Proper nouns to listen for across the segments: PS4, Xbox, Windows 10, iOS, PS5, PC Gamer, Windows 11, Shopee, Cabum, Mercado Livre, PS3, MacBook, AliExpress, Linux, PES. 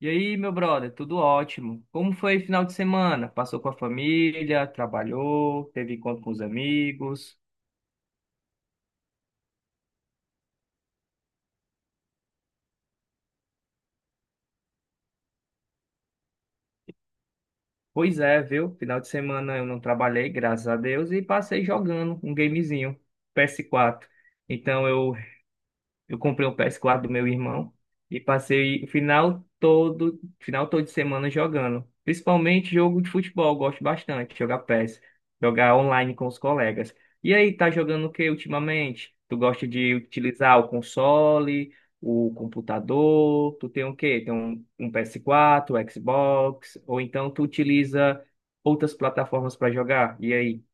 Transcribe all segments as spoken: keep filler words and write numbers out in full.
E aí, meu brother, tudo ótimo? Como foi o final de semana? Passou com a família, trabalhou, teve encontro com os amigos? Pois é, viu? Final de semana eu não trabalhei, graças a Deus, e passei jogando um gamezinho, P S quatro. Então eu Eu comprei o P S quatro do meu irmão e passei o final todo, final todo de semana jogando. Principalmente jogo de futebol, eu gosto bastante de jogar PES, jogar online com os colegas. E aí, tá jogando o que ultimamente? Tu gosta de utilizar o console, o computador? Tu tem o quê? Tem um, um P S quatro, Xbox, ou então tu utiliza outras plataformas para jogar? E aí?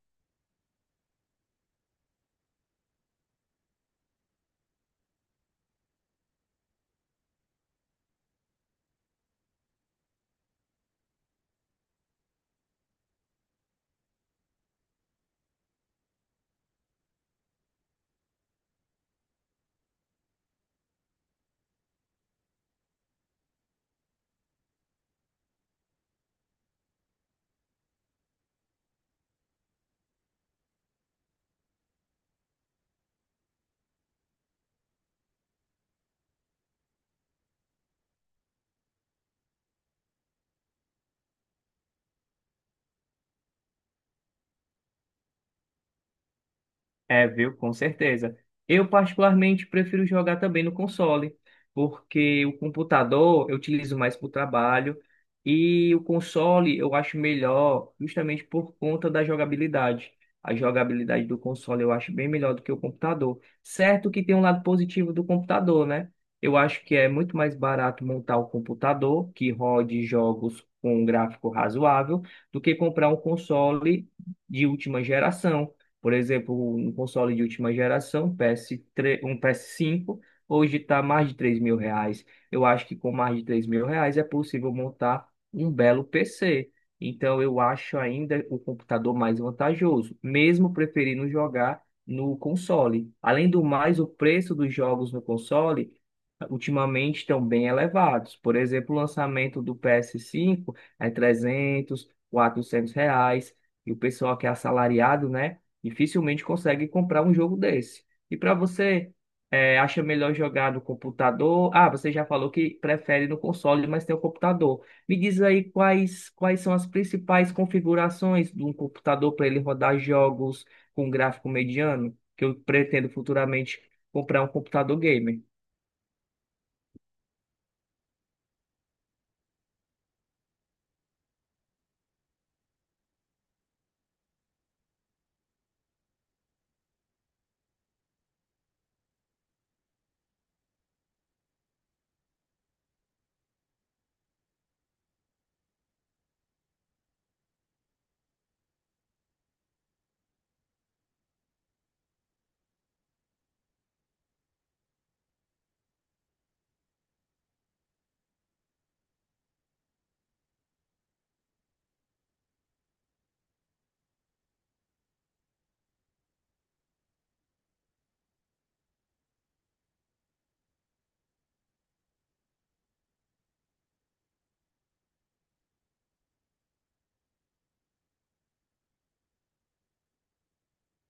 É, viu? Com certeza. Eu particularmente prefiro jogar também no console, porque o computador eu utilizo mais para o trabalho e o console eu acho melhor justamente por conta da jogabilidade. A jogabilidade do console eu acho bem melhor do que o computador. Certo que tem um lado positivo do computador, né? Eu acho que é muito mais barato montar o computador que rode jogos com um gráfico razoável do que comprar um console de última geração, por exemplo, um console de última geração, P S três, um P S cinco, hoje está mais de três mil reais. Eu acho que com mais de três mil reais é possível montar um belo P C. Então, eu acho ainda o computador mais vantajoso, mesmo preferindo jogar no console. Além do mais, o preço dos jogos no console ultimamente estão bem elevados. Por exemplo, o lançamento do P S cinco é trezentos, quatrocentos reais. E o pessoal que é assalariado, né? Dificilmente consegue comprar um jogo desse. E para você, é, acha melhor jogar no computador? Ah, você já falou que prefere no console, mas tem o computador. Me diz aí quais, quais são as principais configurações de um computador para ele rodar jogos com gráfico mediano, que eu pretendo futuramente comprar um computador gamer.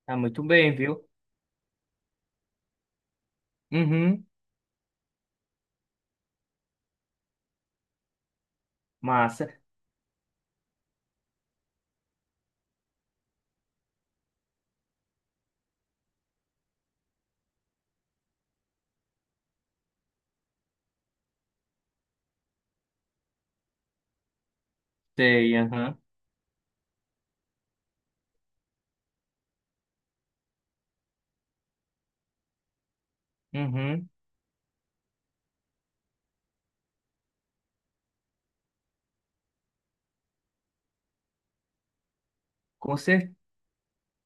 Tá muito bem, viu? Uhum, massa. Sei, aham. Uhum, com certeza.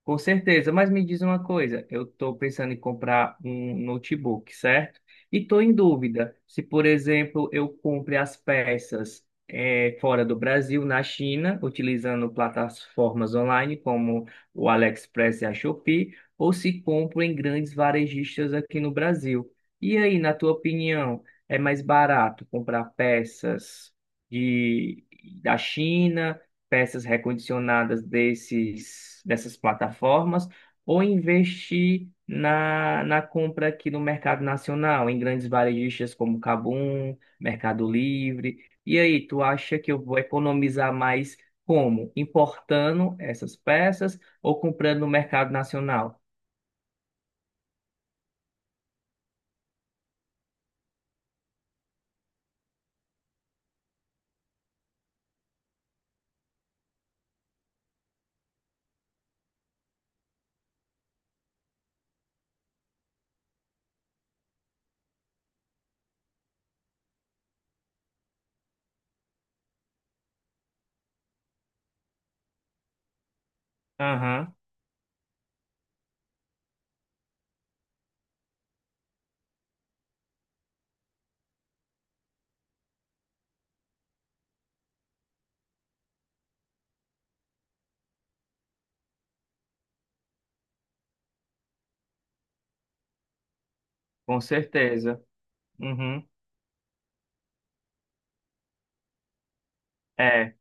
Com certeza, mas me diz uma coisa, eu estou pensando em comprar um notebook, certo? E estou em dúvida se, por exemplo, eu compre as peças eh, fora do Brasil, na China, utilizando plataformas online como o AliExpress e a Shopee, ou se compro em grandes varejistas aqui no Brasil. E aí, na tua opinião, é mais barato comprar peças de, da China? Peças recondicionadas desses, dessas plataformas ou investir na, na compra aqui no mercado nacional, em grandes varejistas como Cabum, Mercado Livre. E aí, tu acha que eu vou economizar mais como? Importando essas peças ou comprando no mercado nacional? Aham, com certeza. Uhum. É,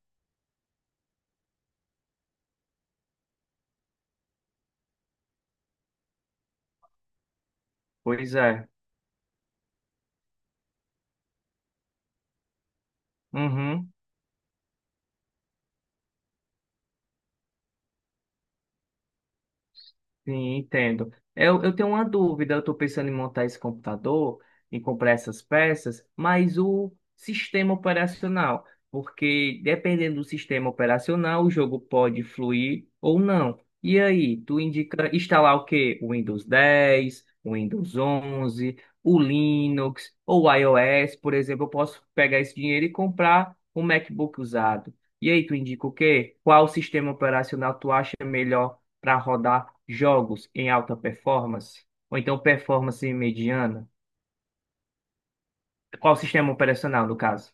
pois é. Uhum. Sim, entendo. Eu, eu tenho uma dúvida, eu estou pensando em montar esse computador, em comprar essas peças, mas o sistema operacional, porque dependendo do sistema operacional, o jogo pode fluir ou não. E aí, tu indica instalar o quê? O Windows dez, o Windows onze, o Linux ou o iOS? Por exemplo, eu posso pegar esse dinheiro e comprar um MacBook usado. E aí, tu indica o quê? Qual sistema operacional tu acha melhor para rodar jogos em alta performance, ou então performance mediana? Qual o sistema operacional, no caso?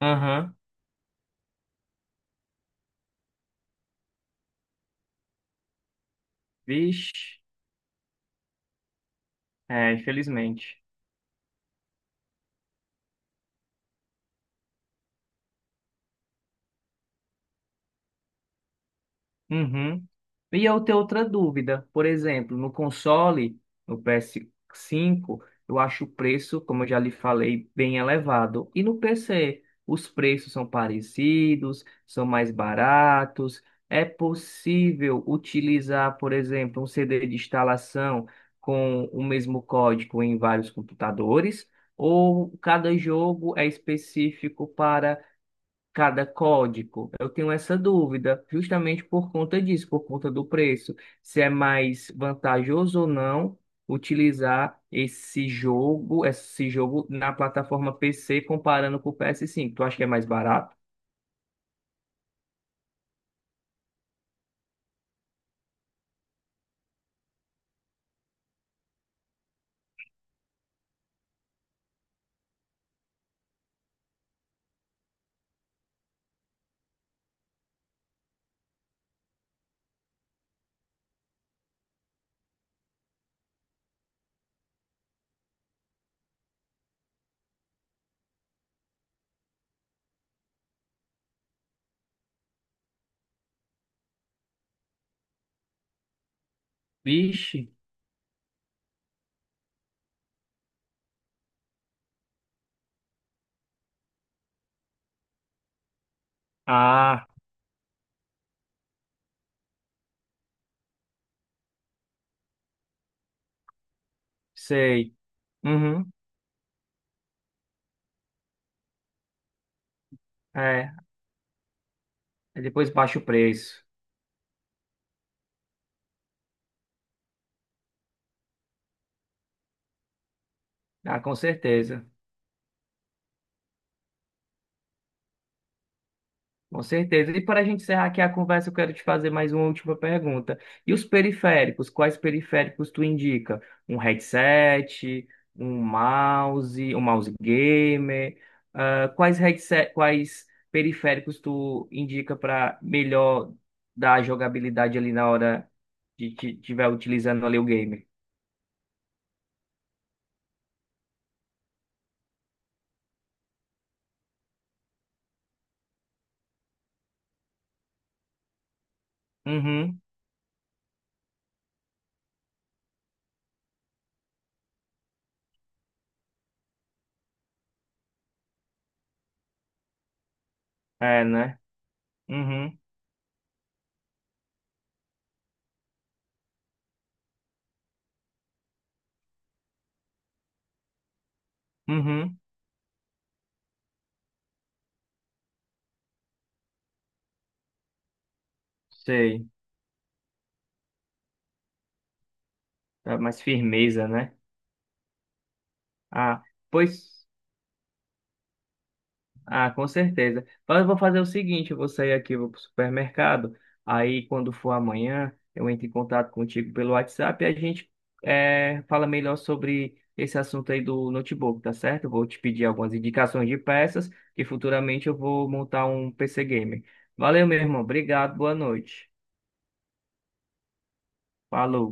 Aham. Vixe, é, infelizmente. Uhum. E eu tenho outra dúvida. Por exemplo, no console, no P S cinco, eu acho o preço, como eu já lhe falei, bem elevado. E no P C, os preços são parecidos, são mais baratos. É possível utilizar, por exemplo, um C D de instalação com o mesmo código em vários computadores? Ou cada jogo é específico, cada código? Eu tenho essa dúvida, justamente por conta disso, por conta do preço. Se é mais vantajoso ou não utilizar esse jogo, esse jogo na plataforma P C comparando com o P S cinco. Tu acha que é mais barato? Vixe. Ah, sei. Uhum, é. Aí depois baixa o preço. Ah, com certeza. Com certeza. E para a gente encerrar aqui a conversa, eu quero te fazer mais uma última pergunta. E os periféricos? Quais periféricos tu indica? Um headset, um mouse, um mouse gamer? Ah, quais headset, quais periféricos tu indica para melhor dar a jogabilidade ali na hora de que tiver utilizando ali o game? Uhum. É, né? Uhum. Uhum. Sei. Dá mais firmeza, né? Ah, pois. Ah, com certeza. Mas eu vou fazer o seguinte, eu vou sair aqui, vou pro supermercado, aí quando for amanhã, eu entro em contato contigo pelo WhatsApp e a gente eh, fala melhor sobre esse assunto aí do notebook, tá certo? Eu vou te pedir algumas indicações de peças e futuramente eu vou montar um P C Gamer. Valeu, meu irmão. Obrigado, boa noite. Falou.